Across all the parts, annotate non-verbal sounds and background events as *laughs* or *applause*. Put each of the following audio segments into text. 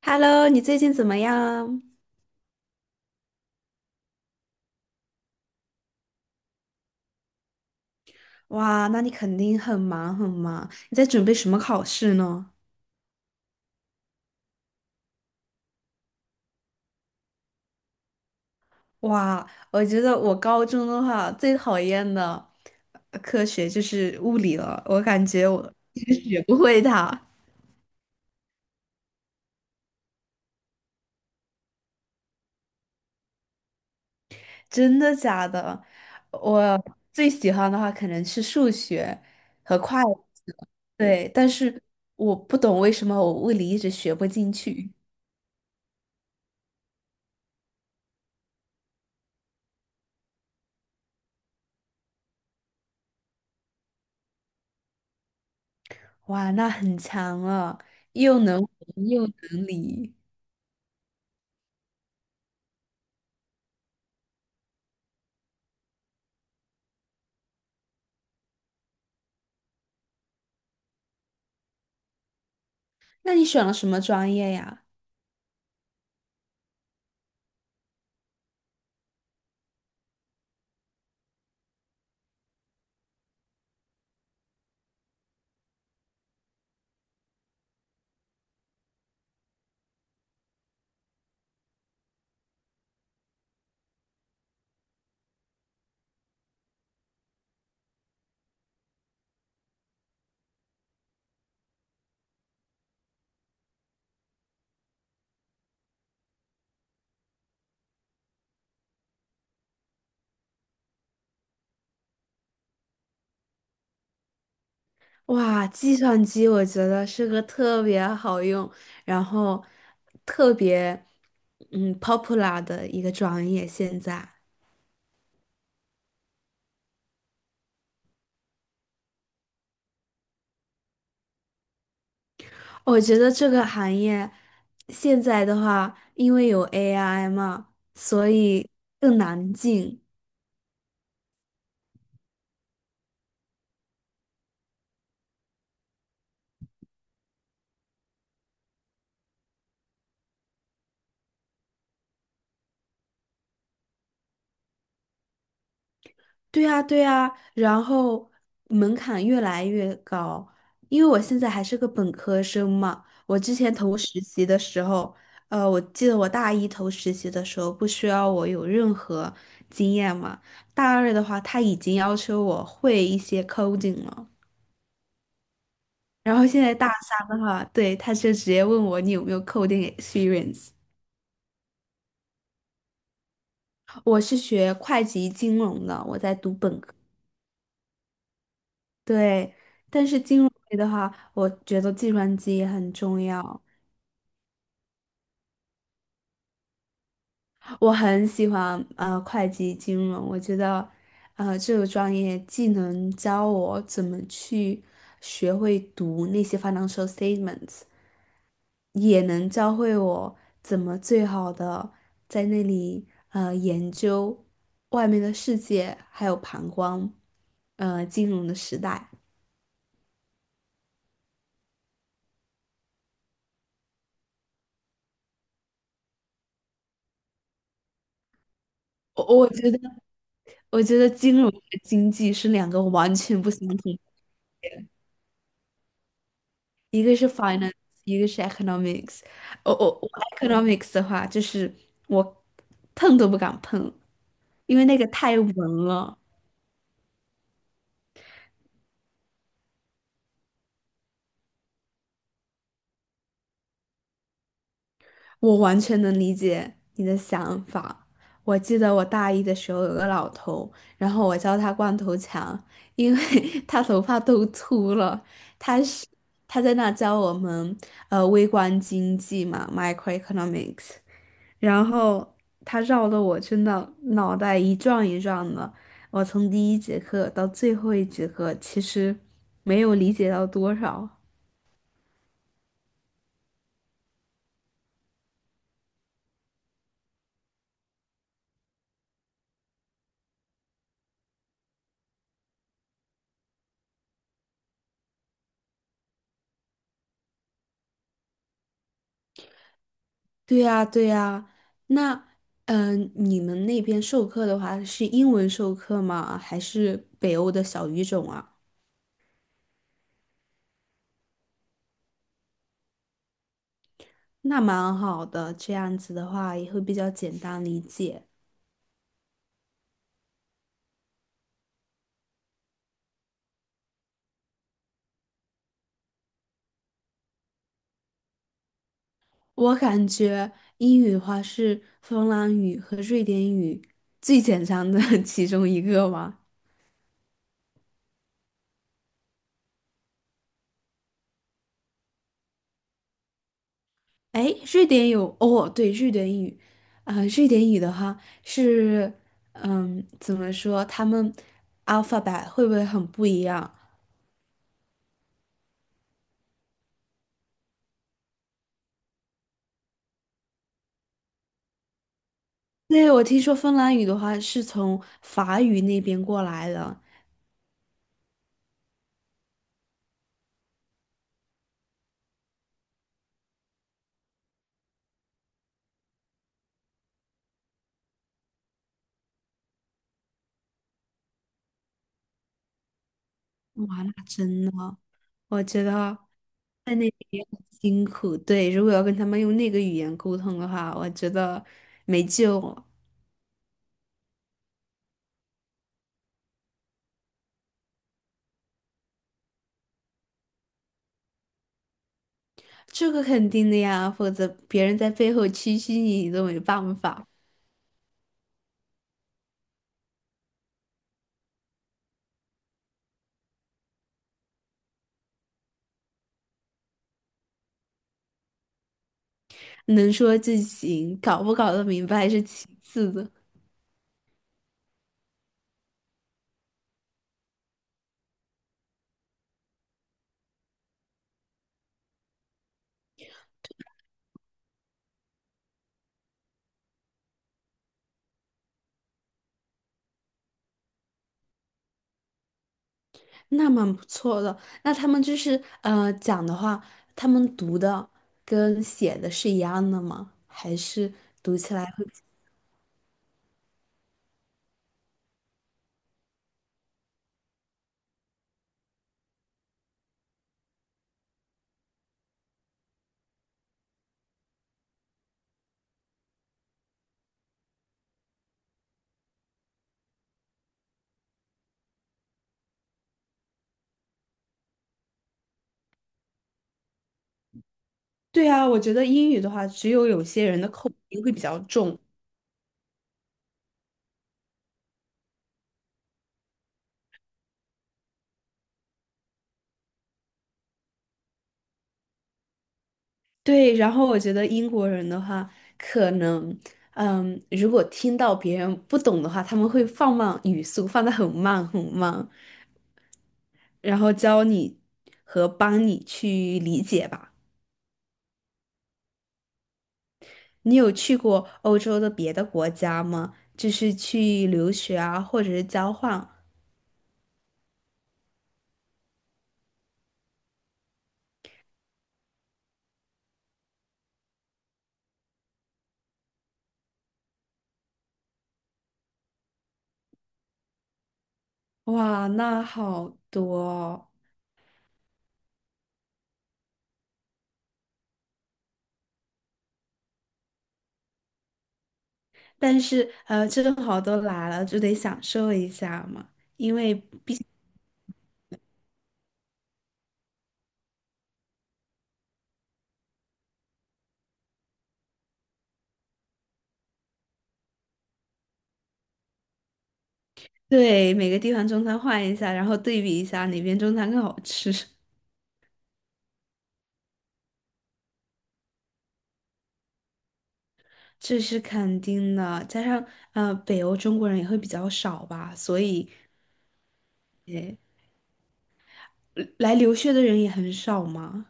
Hello，你最近怎么样？哇，那你肯定很忙很忙。你在准备什么考试呢？哇，我觉得我高中的话最讨厌的科学就是物理了，我感觉我就是学不会它。真的假的？我最喜欢的话可能是数学和会计，对，但是我不懂为什么我物理一直学不进去。哇，那很强了，又能文又能理。那你选了什么专业呀？哇，计算机我觉得是个特别好用，然后特别popular 的一个专业。现在我觉得这个行业现在的话，因为有 AI 嘛，所以更难进。对呀，对呀，然后门槛越来越高，因为我现在还是个本科生嘛。我之前投实习的时候，我记得我大一投实习的时候不需要我有任何经验嘛，大二的话他已经要求我会一些 coding 了，然后现在大三的话，对，他就直接问我你有没有 coding experience。我是学会计金融的，我在读本科。对，但是金融类的话，我觉得计算机也很重要。我很喜欢会计金融，我觉得这个专业既能教我怎么去学会读那些 financial statements，也能教会我怎么最好的在那里研究外面的世界，还有旁观金融的时代。我我觉得。我觉得金融和经济是两个完全不相同，一个是 finance，一个是 economics。我 economics 的话，就是我碰都不敢碰，因为那个太文了。我完全能理解你的想法。我记得我大一的时候有个老头，然后我叫他光头强，因为 *laughs* 他头发都秃了。他是他在那教我们微观经济嘛，microeconomics。然后他绕的我真的脑袋一转一转的。我从第一节课到最后一节课，其实没有理解到多少。对呀，对呀。那，嗯、你们那边授课的话是英文授课吗？还是北欧的小语种啊？那蛮好的，这样子的话也会比较简单理解。我感觉英语的话是芬兰语和瑞典语最简单的 *laughs* 其中一个吧。哎，瑞典有哦，对，瑞典语，啊、瑞典语的话是，嗯，怎么说？他们 alphabet 会不会很不一样？对，我听说芬兰语的话是从法语那边过来的，哇，那真的，我觉得在那边也很辛苦。对，如果要跟他们用那个语言沟通的话，我觉得没救了。这个肯定的呀，否则别人在背后蛐蛐你，你都没办法。能说就行，搞不搞得明白是其次的，那蛮不错的。那他们就是讲的话，他们读的跟写的是一样的吗？还是读起来会？对啊，我觉得英语的话，只有有些人的口音会比较重，对，然后我觉得英国人的话，可能，嗯，如果听到别人不懂的话，他们会放慢语速，放得很慢很慢，然后教你和帮你去理解吧。你有去过欧洲的别的国家吗？就是去留学啊，或者是交换？哇，那好多哦但是正好都来了，就得享受一下嘛，因为对，每个地方中餐换一下，然后对比一下哪边中餐更好吃，*laughs* 这是肯定的。加上北欧中国人也会比较少吧，所以也来留学的人也很少嘛。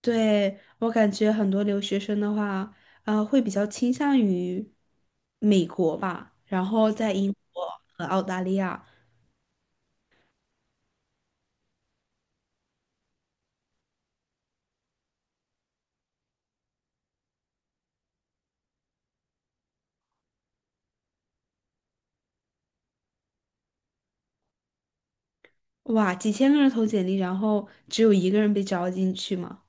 对，我感觉很多留学生的话，会比较倾向于美国吧，然后在英国和澳大利亚，哇，几千个人投简历，然后只有一个人被招进去嘛。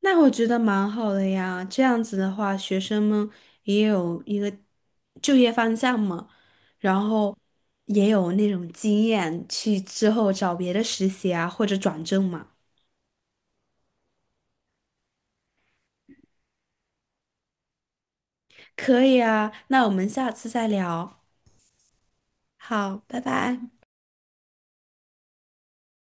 那我觉得蛮好的呀，这样子的话，学生们也有一个就业方向嘛，然后也有那种经验去之后找别的实习啊，或者转正嘛。可以啊，那我们下次再聊。好，拜拜。